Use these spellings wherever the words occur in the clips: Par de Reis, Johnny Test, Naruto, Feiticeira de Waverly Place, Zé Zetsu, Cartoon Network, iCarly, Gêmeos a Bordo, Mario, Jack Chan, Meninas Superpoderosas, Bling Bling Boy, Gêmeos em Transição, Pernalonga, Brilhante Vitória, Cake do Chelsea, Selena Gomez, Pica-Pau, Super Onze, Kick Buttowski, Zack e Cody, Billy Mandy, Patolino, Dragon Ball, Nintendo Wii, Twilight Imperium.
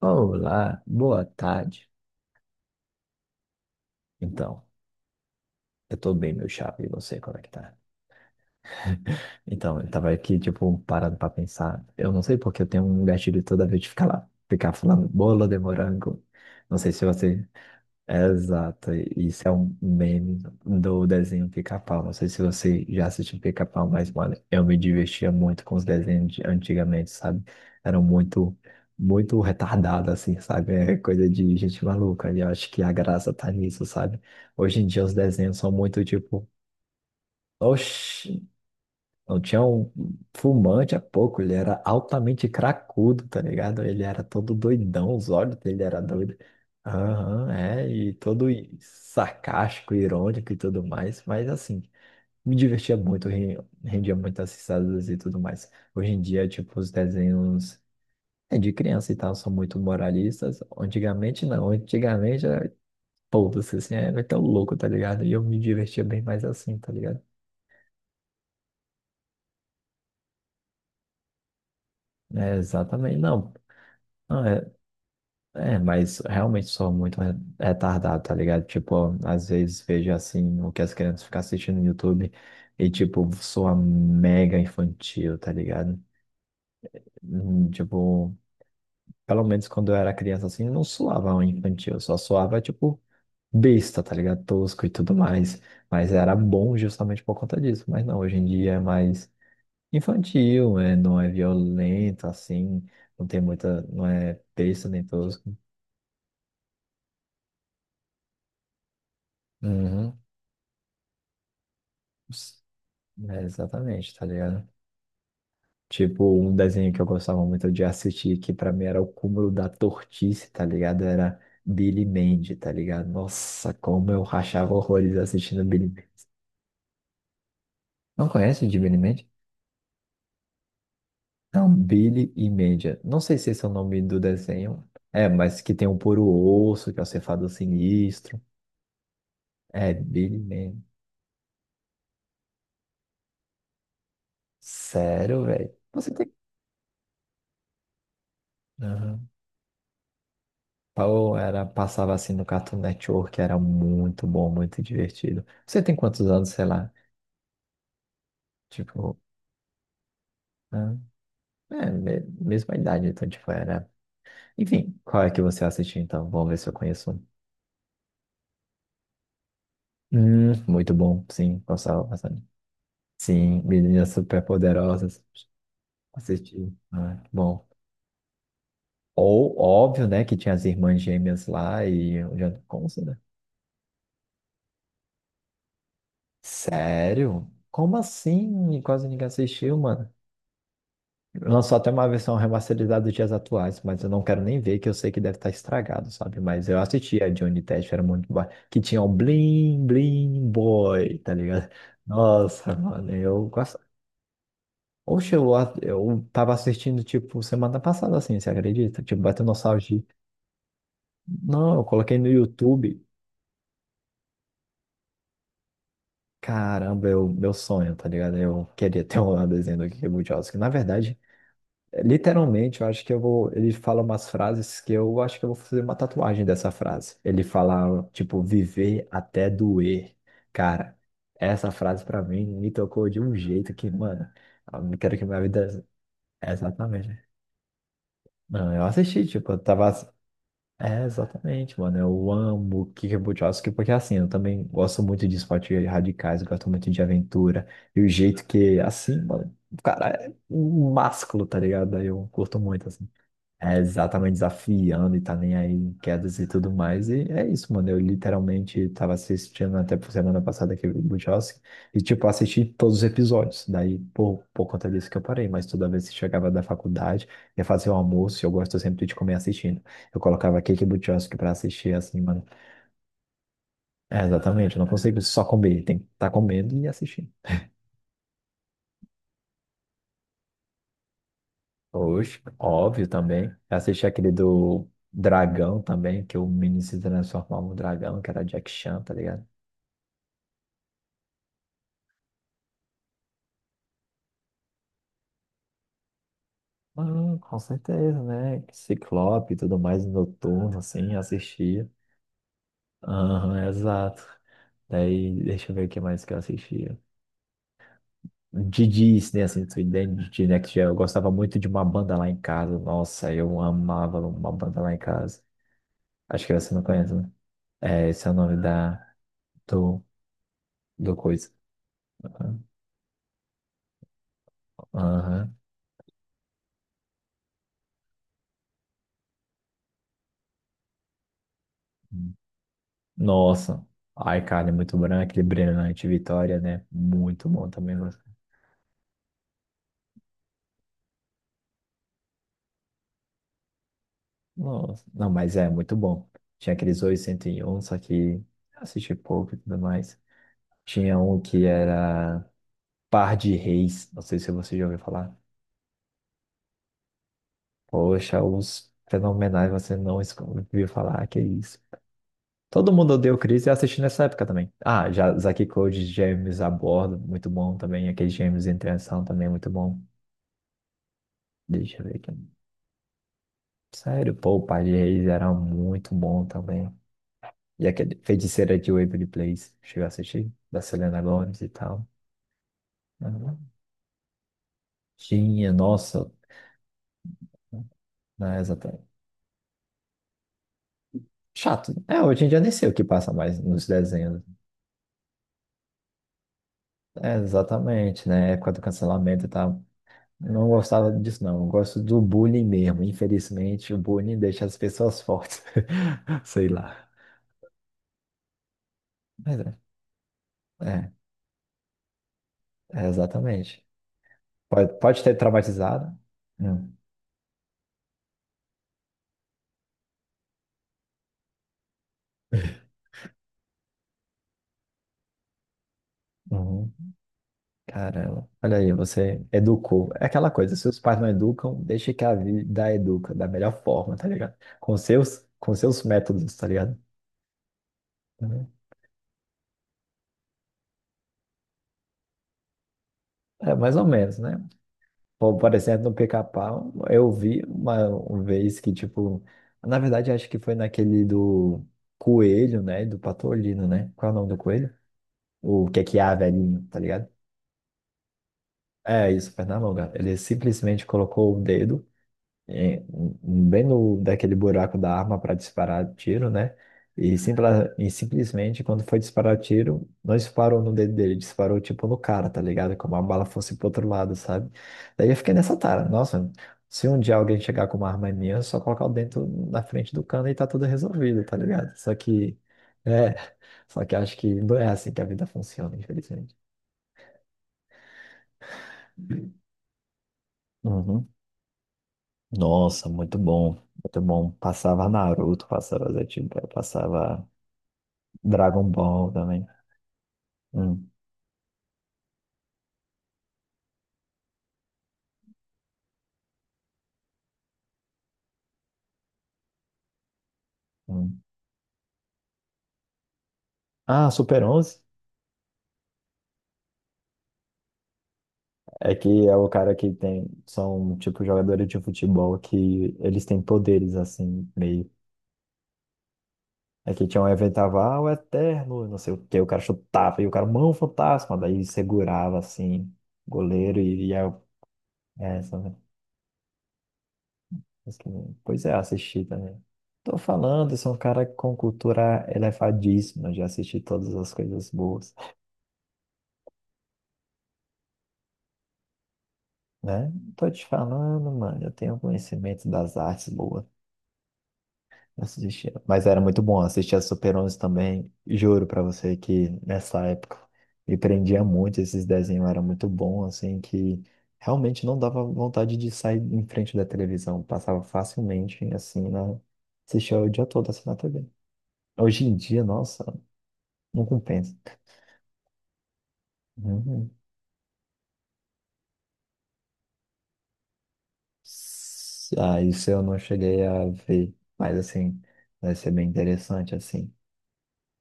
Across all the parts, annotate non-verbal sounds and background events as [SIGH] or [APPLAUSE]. Olá, boa tarde. Então, eu tô bem, meu chapa, e você, como é que tá? Então, eu tava aqui, tipo, parado pra pensar. Eu não sei porque eu tenho um gatilho toda vez de ficar lá, ficar falando bolo de morango. Não sei se você. Exato, isso é um meme do desenho Pica-Pau. Não sei se você já assistiu Pica-Pau, mas, mano, eu me divertia muito com os desenhos de antigamente, sabe? Eram muito, muito retardados, assim, sabe? É coisa de gente maluca. E eu acho que a graça tá nisso, sabe? Hoje em dia os desenhos são muito tipo, oxi. Não tinha um fumante há pouco, ele era altamente cracudo, tá ligado? Ele era todo doidão, os olhos dele era doido. Aham, é, e todo sarcástico, irônico e tudo mais, mas assim, me divertia muito, rendia muitas risadas e tudo mais. Hoje em dia, tipo, os desenhos de criança e tal são muito moralistas. Antigamente não, antigamente era todo assim, era tão louco, tá ligado? E eu me divertia bem mais assim, tá ligado? É, exatamente, não. É, mas realmente sou muito retardado, tá ligado? Tipo, às vezes vejo assim o que as crianças ficam assistindo no YouTube e, tipo, sou mega infantil, tá ligado? Tipo, pelo menos quando eu era criança assim, eu não suava um infantil, só suava tipo, besta, tá ligado? Tosco e tudo mais. Mas era bom justamente por conta disso. Mas não, hoje em dia é mais infantil, não é violento assim, não tem muita, não é besta nem tosco. Uhum. É, exatamente, tá ligado? Tipo, um desenho que eu gostava muito de assistir, que pra mim era o cúmulo da tortice, tá ligado? Era Billy Mandy, tá ligado? Nossa, como eu rachava horrores assistindo Billy Mandy. Não conhece de Billy Mandy? Não, Billy e Mandy. Não sei se esse é o nome do desenho. É, mas que tem o puro osso, que é o cefado sinistro. É, Billy Mandy. Sério, velho? Você tem. Aham. Ou era, passava assim no Cartoon Network, era muito bom, muito divertido. Você tem quantos anos, sei lá? Tipo, né? Mesma idade, então, tipo, era. Enfim, qual é que você assistiu então? Vamos ver se eu conheço um. Muito bom, sim, gostava bastante. Sim, Meninas Superpoderosas, assisti. Ah, bom. Ou, óbvio, né, que tinha as irmãs gêmeas lá e o Jonathan Consta, né? Sério? Como assim? Quase ninguém assistiu, mano. Lançou até uma versão remasterizada dos dias atuais, mas eu não quero nem ver, que eu sei que deve estar estragado, sabe? Mas eu assisti a Johnny Test, era muito boa. Que tinha o Bling Bling Boy, tá ligado? Nossa, mano, eu gosto. Oxe, eu tava assistindo, tipo, semana passada, assim, você acredita? Tipo, bateu nostalgia. Não, eu coloquei no YouTube. Caramba, eu, meu sonho, tá ligado? Eu queria ter [LAUGHS] um desenho do Kiki Buttowski. Na verdade, literalmente, eu acho que eu vou. Ele fala umas frases que eu acho que eu vou fazer uma tatuagem dessa frase. Ele fala, tipo, viver até doer. Cara, essa frase pra mim me tocou de um jeito que, mano, eu não quero que minha vida. É, exatamente, né? Não, eu assisti, tipo, eu tava. É, exatamente, mano. Eu amo Kick Buttowski, porque assim, eu também gosto muito de esportes radicais, eu gosto muito de aventura. E o jeito que, assim, mano, o cara é um másculo, tá ligado? Aí eu curto muito, assim. É exatamente desafiando e tá nem aí em quedas e tudo mais. E é isso, mano. Eu literalmente tava assistindo até por semana passada aquele do e, tipo, assisti todos os episódios. Daí, por conta disso que eu parei. Mas toda vez que chegava da faculdade, ia fazer o almoço e eu gosto sempre de comer assistindo. Eu colocava Cake do Chelsea pra assistir, assim, mano. É, exatamente. Eu não consigo só comer. Tem que estar tá comendo e assistindo. Oxe, óbvio também. Eu assisti aquele do Dragão também, que o menino se transformava no dragão, que era Jack Chan, tá ligado? Ah, com certeza, né? Ciclope e tudo mais, noturno, assim, assistia. Aham, exato. Daí, deixa eu ver o que mais que eu assistia. De Disney, assim, tu entende? De Next Gen. Eu gostava muito de Uma Banda Lá em Casa. Nossa, eu amava Uma Banda Lá em Casa. Acho que você não conhece, né? É, esse é o nome do, do coisa. Aham. Nossa, a iCarly é muito bom, né? Aquele Brilhante Vitória, né? Muito bom também. Nossa. Não, mas é muito bom. Tinha aqueles 801, só que assisti pouco e tudo mais. Tinha um que era Par de Reis, não sei se você já ouviu falar. Poxa, os fenomenais você não ouviu falar, que isso. Todo mundo odeia o Chris e eu assisti nessa época também. Ah, já Zack e Cody, Gêmeos a Bordo, muito bom também. Aquele Gêmeos em Transição também, é muito bom. Deixa eu ver aqui. Sério, pô, o Pai de Reis era muito bom também. E aquele Feiticeira de Waverly Place, chegou a assistir, da Selena Gomez e tal. Uhum. Tinha, nossa, né, exatamente. Chato, né? É, hoje em dia nem sei o que passa mais nos desenhos. É, exatamente, né? Época do cancelamento e tal. Não gostava disso, não. Eu gosto do bullying mesmo. Infelizmente, o bullying deixa as pessoas fortes. [LAUGHS] Sei lá. Mas é, é exatamente. Pode ter traumatizado. Hum. Uhum. Caramba, olha aí, você educou. É aquela coisa, se os pais não educam, deixa que a vida educa da melhor forma, tá ligado? Com seus métodos, tá ligado? Uhum. É, mais ou menos, né? Por exemplo, no Pica-Pau, eu vi uma vez que, tipo, na verdade, acho que foi naquele do Coelho, né? Do Patolino, né? Qual é o nome do coelho? O que é que há, velhinho, tá ligado? É isso, Pernalonga. Ele simplesmente colocou o dedo. em- bem no daquele buraco da arma para disparar tiro, né? E simplesmente quando foi disparar tiro, não disparou no dedo dele, disparou tipo no cara, tá ligado? Como a bala fosse pro outro lado, sabe? Daí eu fiquei nessa tara, nossa, se um dia alguém chegar com uma arma em mim, é só colocar o dentro na frente do cano e tá tudo resolvido, tá ligado? É, só que acho que não é assim que a vida funciona, infelizmente. Uhum. Nossa, muito bom, muito bom. Passava Naruto, passava Zé Zetsu, passava Dragon Ball também. Hum, hum. Ah, Super 11. É que é o cara que tem. São, tipo, jogadores de futebol que eles têm poderes, assim, meio. É que tinha um evento, tava, o Eterno, não sei o quê, o cara chutava e o cara, mão fantasma, daí segurava, assim, goleiro e ia. Essa, né? Mas que- Pois é, assisti também. Tô falando, sou um cara com cultura elevadíssima, já assisti todas as coisas boas, né? Tô te falando, mano, eu tenho conhecimento das artes boas. Assistia. Mas era muito bom, assistia Super 11 também. Juro pra você que nessa época me prendia muito, esses desenhos era muito bom, assim, que realmente não dava vontade de sair em frente da televisão. Passava facilmente, assim, assistia o dia todo, assim, na TV. Hoje em dia, nossa, não compensa. Uhum. Ah, isso eu não cheguei a ver, mas, assim, vai ser bem interessante, assim.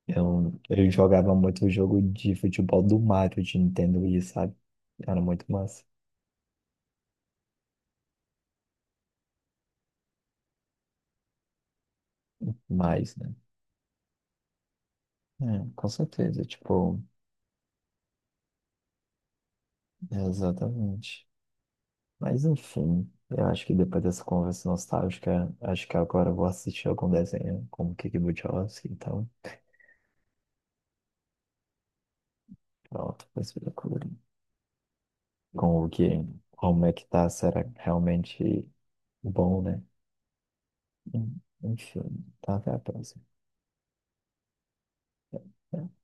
Eu jogava muito o jogo de futebol do Mario de Nintendo Wii, sabe? Era muito massa. Mais, né? É, com certeza, tipo, exatamente. Mas enfim, eu acho que depois dessa conversa nostálgica, acho que agora eu vou assistir algum desenho como Kiki Budiowski, então, pronto, vai ser loucura. Com o que, como é que tá, será realmente bom, né? Enfim, tá, até a próxima. É, é.